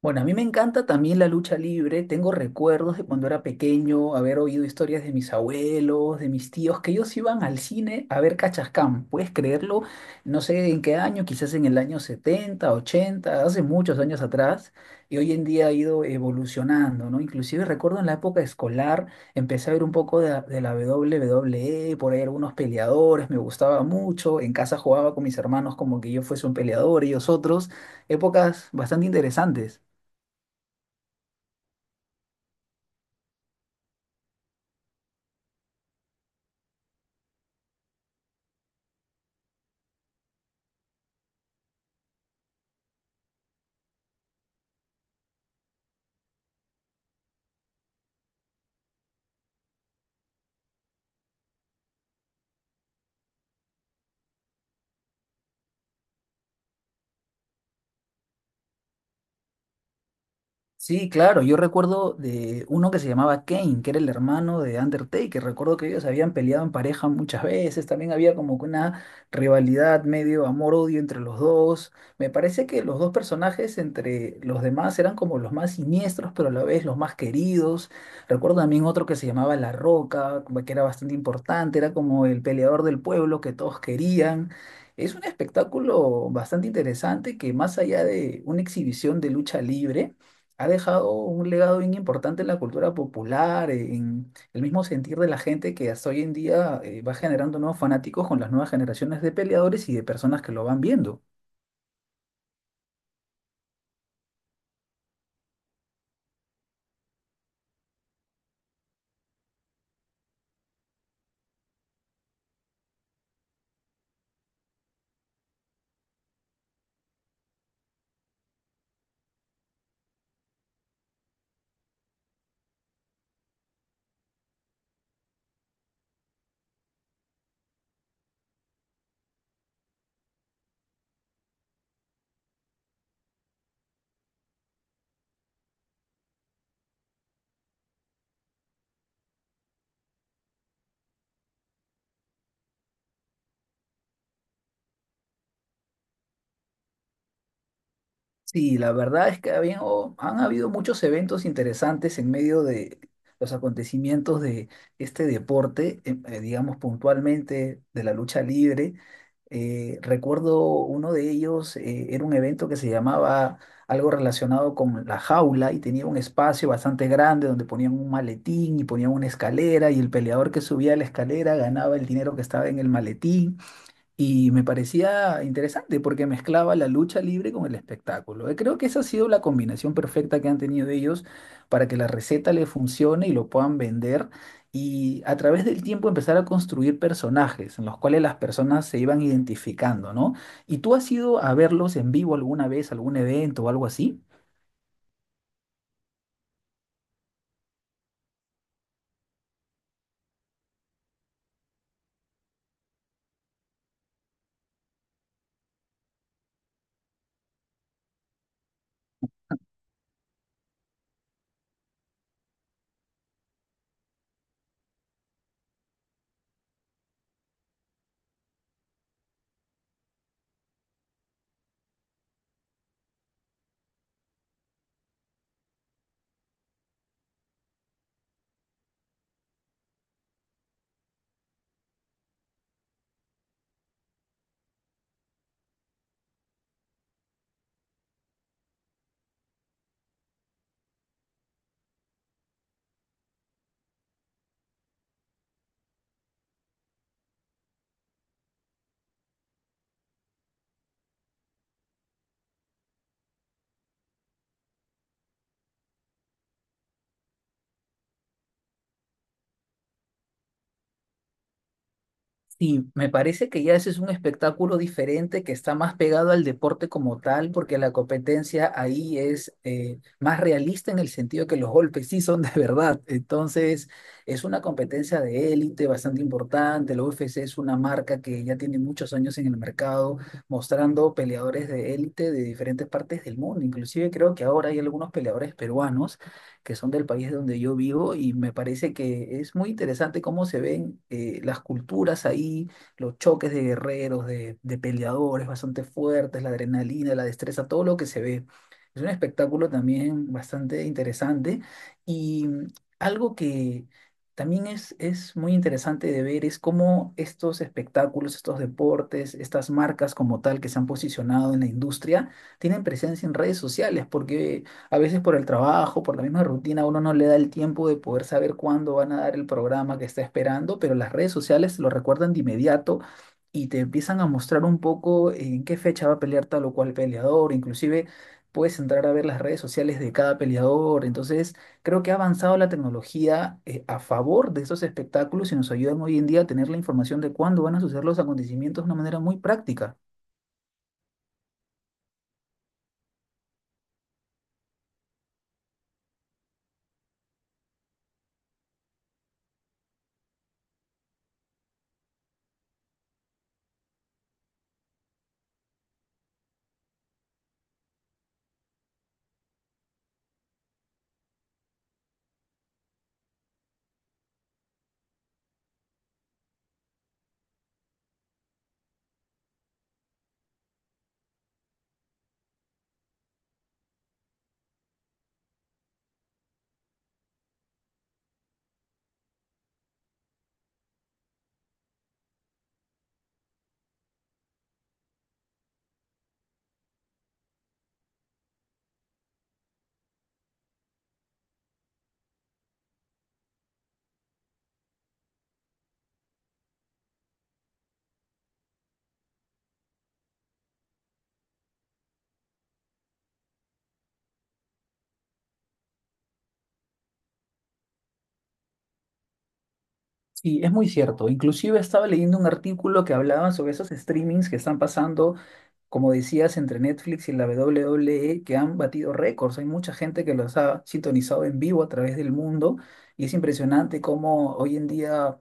Bueno, a mí me encanta también la lucha libre. Tengo recuerdos de cuando era pequeño, haber oído historias de mis abuelos, de mis tíos, que ellos iban al cine a ver Cachascán. ¿Puedes creerlo? No sé en qué año, quizás en el año 70, 80, hace muchos años atrás. Y hoy en día ha ido evolucionando, ¿no? Inclusive recuerdo en la época escolar, empecé a ver un poco de la WWE, por ahí algunos peleadores, me gustaba mucho. En casa jugaba con mis hermanos como que yo fuese un peleador, ellos otros. Épocas bastante interesantes. Sí, claro, yo recuerdo de uno que se llamaba Kane, que era el hermano de Undertaker. Recuerdo que ellos habían peleado en pareja muchas veces, también había como que una rivalidad medio amor-odio entre los dos. Me parece que los dos personajes entre los demás eran como los más siniestros, pero a la vez los más queridos. Recuerdo también otro que se llamaba La Roca, como que era bastante importante, era como el peleador del pueblo que todos querían. Es un espectáculo bastante interesante que más allá de una exhibición de lucha libre, ha dejado un legado bien importante en la cultura popular, en el mismo sentir de la gente que hasta hoy en día va generando nuevos fanáticos con las nuevas generaciones de peleadores y de personas que lo van viendo. Sí, la verdad es que han habido muchos eventos interesantes en medio de los acontecimientos de este deporte, digamos puntualmente de la lucha libre. Recuerdo uno de ellos, era un evento que se llamaba algo relacionado con la jaula y tenía un espacio bastante grande donde ponían un maletín y ponían una escalera y el peleador que subía la escalera ganaba el dinero que estaba en el maletín. Y me parecía interesante porque mezclaba la lucha libre con el espectáculo. Creo que esa ha sido la combinación perfecta que han tenido ellos para que la receta le funcione y lo puedan vender. Y a través del tiempo empezar a construir personajes en los cuales las personas se iban identificando, ¿no? ¿Y tú has ido a verlos en vivo alguna vez, algún evento o algo así? Sí, me parece que ya ese es un espectáculo diferente que está más pegado al deporte como tal, porque la competencia ahí es más realista en el sentido que los golpes sí son de verdad. Entonces, es una competencia de élite bastante importante. La UFC es una marca que ya tiene muchos años en el mercado, mostrando peleadores de élite de diferentes partes del mundo. Inclusive creo que ahora hay algunos peleadores peruanos que son del país donde yo vivo y me parece que es muy interesante cómo se ven las culturas ahí, los choques de guerreros, de peleadores bastante fuertes, la adrenalina, la destreza, todo lo que se ve. Es un espectáculo también bastante interesante y algo que... También es muy interesante de ver es cómo estos espectáculos, estos deportes, estas marcas como tal que se han posicionado en la industria, tienen presencia en redes sociales, porque a veces por el trabajo, por la misma rutina, uno no le da el tiempo de poder saber cuándo van a dar el programa que está esperando, pero las redes sociales lo recuerdan de inmediato y te empiezan a mostrar un poco en qué fecha va a pelear tal o cual peleador, inclusive puedes entrar a ver las redes sociales de cada peleador, entonces creo que ha avanzado la tecnología a favor de esos espectáculos y nos ayudan hoy en día a tener la información de cuándo van a suceder los acontecimientos de una manera muy práctica. Sí, es muy cierto. Inclusive estaba leyendo un artículo que hablaba sobre esos streamings que están pasando, como decías, entre Netflix y la WWE, que han batido récords. Hay mucha gente que los ha sintonizado en vivo a través del mundo y es impresionante cómo hoy en día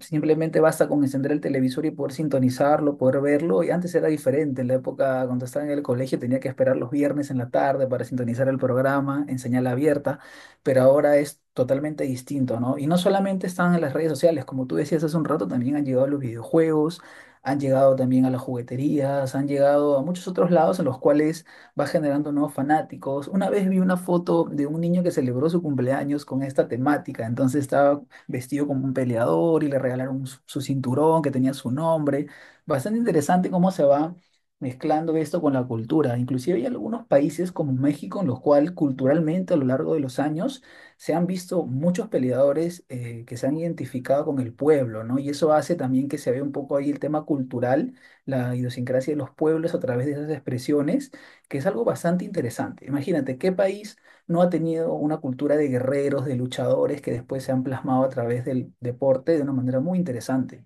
simplemente basta con encender el televisor y poder sintonizarlo, poder verlo. Y antes era diferente. En la época, cuando estaba en el colegio, tenía que esperar los viernes en la tarde para sintonizar el programa en señal abierta. Pero ahora es totalmente distinto, ¿no? Y no solamente están en las redes sociales, como tú decías hace un rato, también han llegado a los videojuegos, han llegado también a las jugueterías, han llegado a muchos otros lados en los cuales va generando nuevos fanáticos. Una vez vi una foto de un niño que celebró su cumpleaños con esta temática, entonces estaba vestido como un peleador y le regalaron su cinturón que tenía su nombre. Bastante interesante cómo se va mezclando esto con la cultura. Inclusive hay algunos países como México en los cuales culturalmente a lo largo de los años se han visto muchos peleadores que se han identificado con el pueblo, ¿no? Y eso hace también que se vea un poco ahí el tema cultural, la idiosincrasia de los pueblos a través de esas expresiones, que es algo bastante interesante. Imagínate, ¿qué país no ha tenido una cultura de guerreros, de luchadores que después se han plasmado a través del deporte de una manera muy interesante?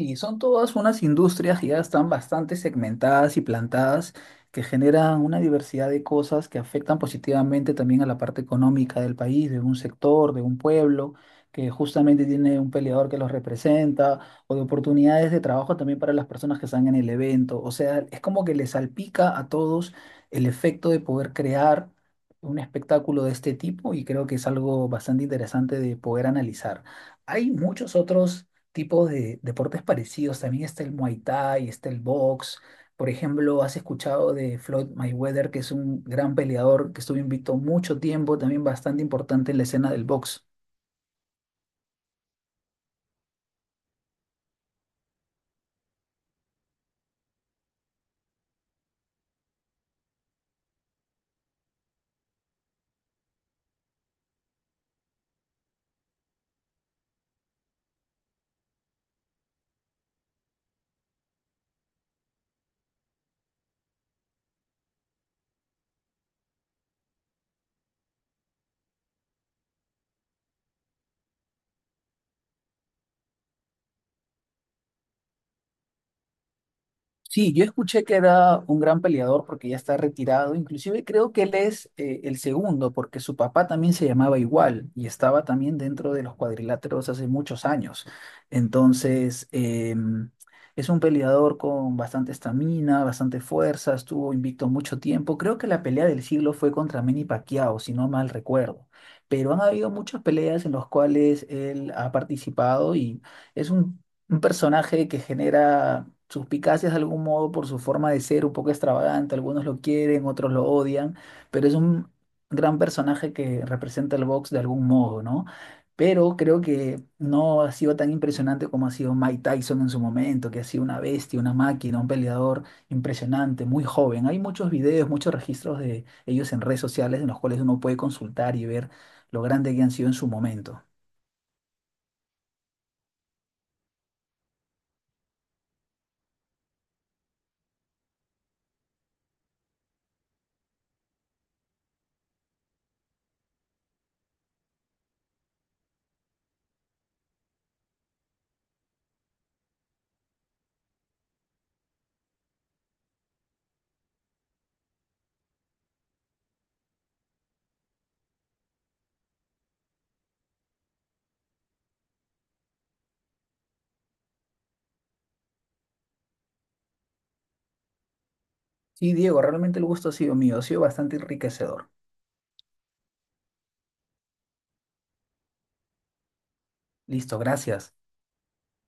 Y son todas unas industrias que ya están bastante segmentadas y plantadas, que generan una diversidad de cosas que afectan positivamente también a la parte económica del país, de un sector, de un pueblo, que justamente tiene un peleador que los representa, o de oportunidades de trabajo también para las personas que están en el evento. O sea, es como que les salpica a todos el efecto de poder crear un espectáculo de este tipo y creo que es algo bastante interesante de poder analizar. Hay muchos otros tipos de deportes parecidos. También está el Muay Thai, está el box. Por ejemplo, has escuchado de Floyd Mayweather, que es un gran peleador que estuvo invicto mucho tiempo, también bastante importante en la escena del box. Sí, yo escuché que era un gran peleador porque ya está retirado. Inclusive creo que él es el segundo porque su papá también se llamaba igual y estaba también dentro de los cuadriláteros hace muchos años. Entonces, es un peleador con bastante estamina, bastante fuerza, estuvo invicto mucho tiempo. Creo que la pelea del siglo fue contra Manny Pacquiao, si no mal recuerdo. Pero han habido muchas peleas en las cuales él ha participado y es un personaje que genera suspicacias de algún modo por su forma de ser, un poco extravagante, algunos lo quieren, otros lo odian, pero es un gran personaje que representa el box de algún modo, ¿no? Pero creo que no ha sido tan impresionante como ha sido Mike Tyson en su momento, que ha sido una bestia, una máquina, un peleador impresionante, muy joven. Hay muchos videos, muchos registros de ellos en redes sociales en los cuales uno puede consultar y ver lo grande que han sido en su momento. Sí, Diego, realmente el gusto ha sido mío, ha sido bastante enriquecedor. Listo, gracias.